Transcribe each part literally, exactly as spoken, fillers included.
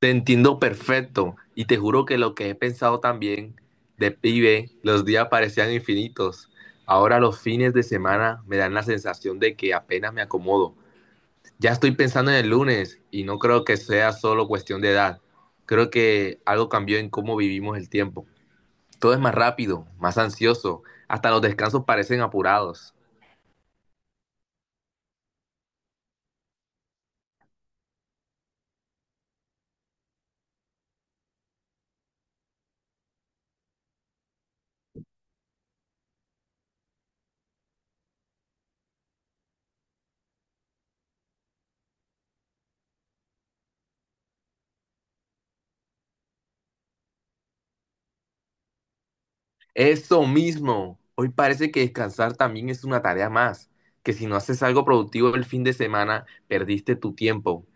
Te entiendo perfecto y te juro que lo que he pensado también de pibe, los días parecían infinitos. Ahora los fines de semana me dan la sensación de que apenas me acomodo. Ya estoy pensando en el lunes y no creo que sea solo cuestión de edad. Creo que algo cambió en cómo vivimos el tiempo. Todo es más rápido, más ansioso, hasta los descansos parecen apurados. Eso mismo. Hoy parece que descansar también es una tarea más, que si no haces algo productivo el fin de semana, perdiste tu tiempo.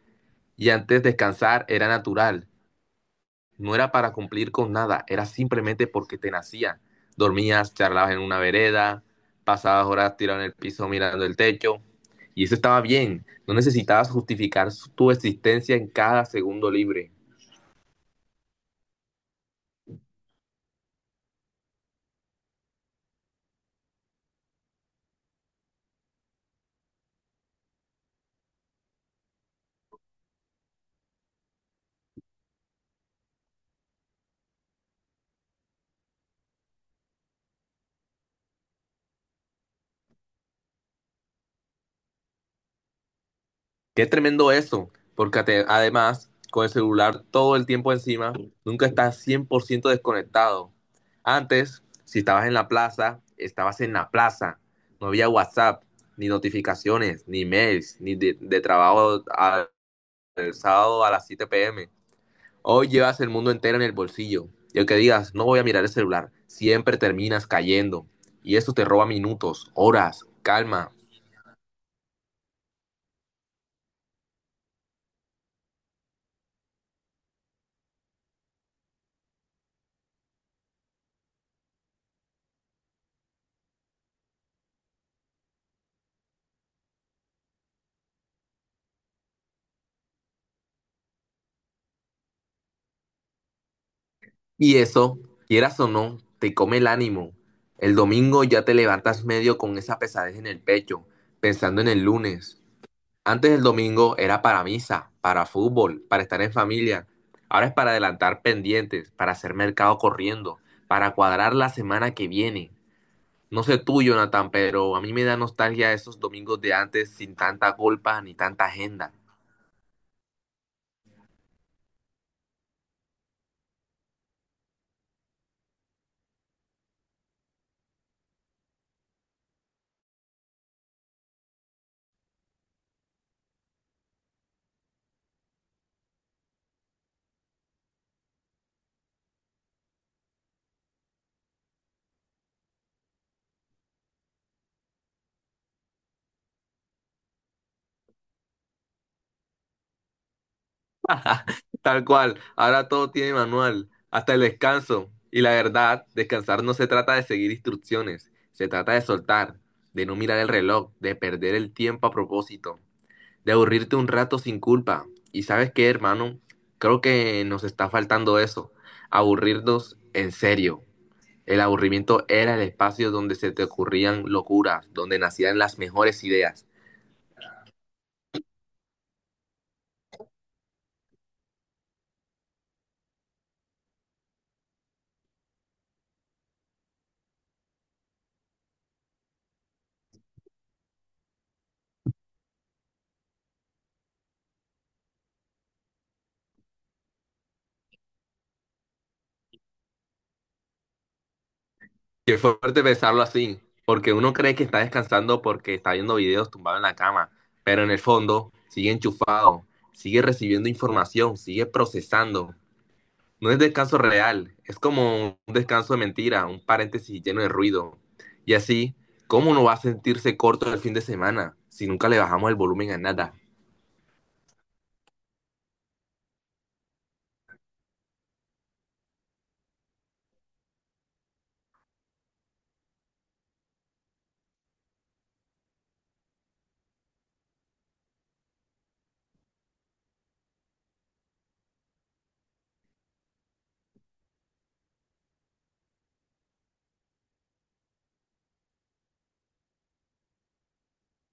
Y antes descansar era natural, no era para cumplir con nada, era simplemente porque te nacía. Dormías, charlabas en una vereda, pasabas horas tirado en el piso mirando el techo, y eso estaba bien, no necesitabas justificar su- tu existencia en cada segundo libre. Qué tremendo eso, porque ate- además con el celular todo el tiempo encima, nunca estás cien por ciento desconectado. Antes, si estabas en la plaza, estabas en la plaza. No había WhatsApp, ni notificaciones, ni mails, ni de, de trabajo al, el sábado a las siete pe eme. Hoy llevas el mundo entero en el bolsillo. Y aunque digas, no voy a mirar el celular, siempre terminas cayendo. Y eso te roba minutos, horas, calma. Y eso, quieras o no, te come el ánimo. El domingo ya te levantas medio con esa pesadez en el pecho, pensando en el lunes. Antes el domingo era para misa, para fútbol, para estar en familia. Ahora es para adelantar pendientes, para hacer mercado corriendo, para cuadrar la semana que viene. No sé tú, Jonathan, pero a mí me da nostalgia esos domingos de antes sin tanta culpa ni tanta agenda. Tal cual, ahora todo tiene manual, hasta el descanso. Y la verdad, descansar no se trata de seguir instrucciones, se trata de soltar, de no mirar el reloj, de perder el tiempo a propósito, de aburrirte un rato sin culpa. ¿Y sabes qué, hermano? Creo que nos está faltando eso, aburrirnos en serio. El aburrimiento era el espacio donde se te ocurrían locuras, donde nacían las mejores ideas. Qué fuerte pensarlo así, porque uno cree que está descansando porque está viendo videos tumbado en la cama, pero en el fondo sigue enchufado, sigue recibiendo información, sigue procesando. No es descanso real, es como un descanso de mentira, un paréntesis lleno de ruido. Y así, ¿cómo no va a sentirse corto el fin de semana si nunca le bajamos el volumen a nada?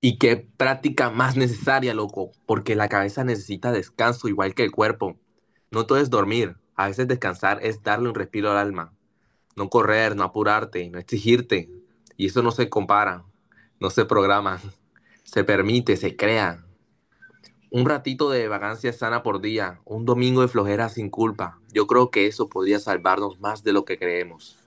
Y qué práctica más necesaria, loco, porque la cabeza necesita descanso igual que el cuerpo. No todo es dormir, a veces descansar es darle un respiro al alma. No correr, no apurarte, no exigirte. Y eso no se compara, no se programa, se permite, se crea. Un ratito de vacancia sana por día, un domingo de flojera sin culpa. Yo creo que eso podría salvarnos más de lo que creemos.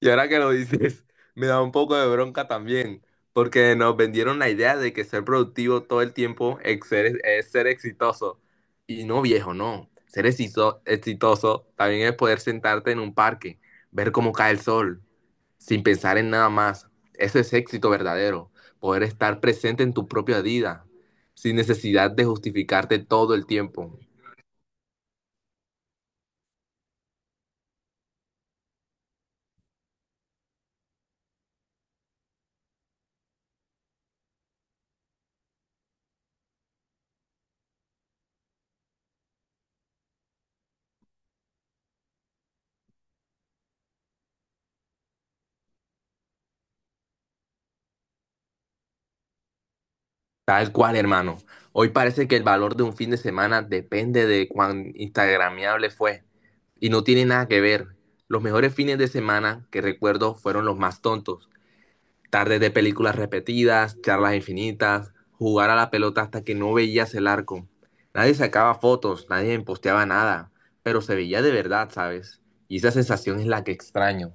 Y ahora que lo dices, me da un poco de bronca también, porque nos vendieron la idea de que ser productivo todo el tiempo es ser, es ser exitoso. Y no, viejo, no. Ser exito- exitoso también es poder sentarte en un parque, ver cómo cae el sol, sin pensar en nada más. Eso es éxito verdadero, poder estar presente en tu propia vida, sin necesidad de justificarte todo el tiempo. Tal cual, hermano. Hoy parece que el valor de un fin de semana depende de cuán instagramiable fue y no tiene nada que ver. Los mejores fines de semana que recuerdo fueron los más tontos, tardes de películas repetidas, charlas infinitas, jugar a la pelota hasta que no veías el arco. Nadie sacaba fotos, nadie posteaba nada, pero se veía de verdad, ¿sabes? Y esa sensación es la que extraño.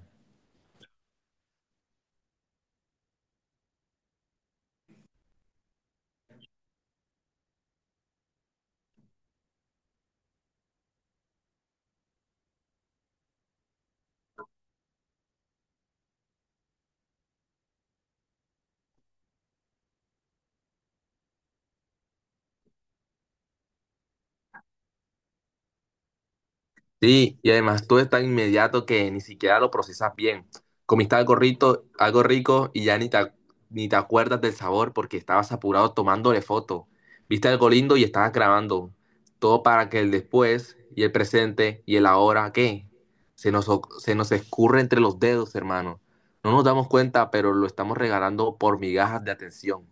Sí, y además todo es tan inmediato que ni siquiera lo procesas bien. Comiste algo rico, algo rico y ya ni te, ac- ni te acuerdas del sabor porque estabas apurado tomándole foto. Viste algo lindo y estabas grabando. Todo para que el después y el presente y el ahora, ¿qué? Se nos, o- se nos escurre entre los dedos, hermano. No nos damos cuenta, pero lo estamos regalando por migajas de atención.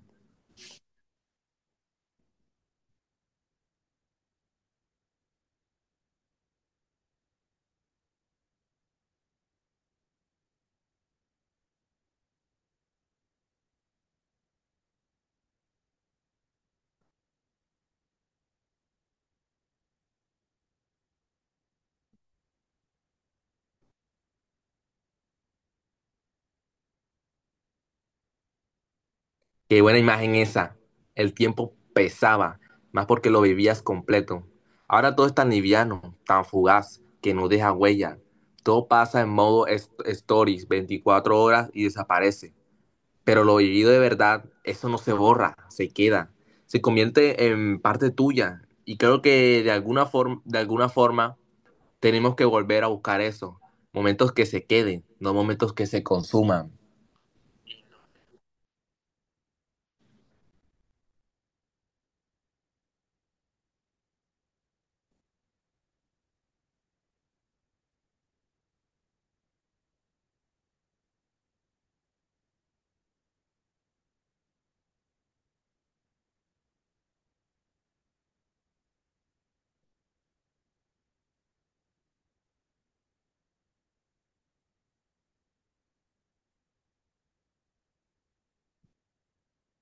Qué buena imagen esa. El tiempo pesaba, más porque lo vivías completo. Ahora todo es tan liviano, tan fugaz, que no deja huella. Todo pasa en modo est- stories, veinticuatro horas y desaparece. Pero lo vivido de verdad, eso no se borra, se queda. Se convierte en parte tuya. Y creo que de alguna forma, de alguna forma tenemos que volver a buscar eso. Momentos que se queden, no momentos que se consuman.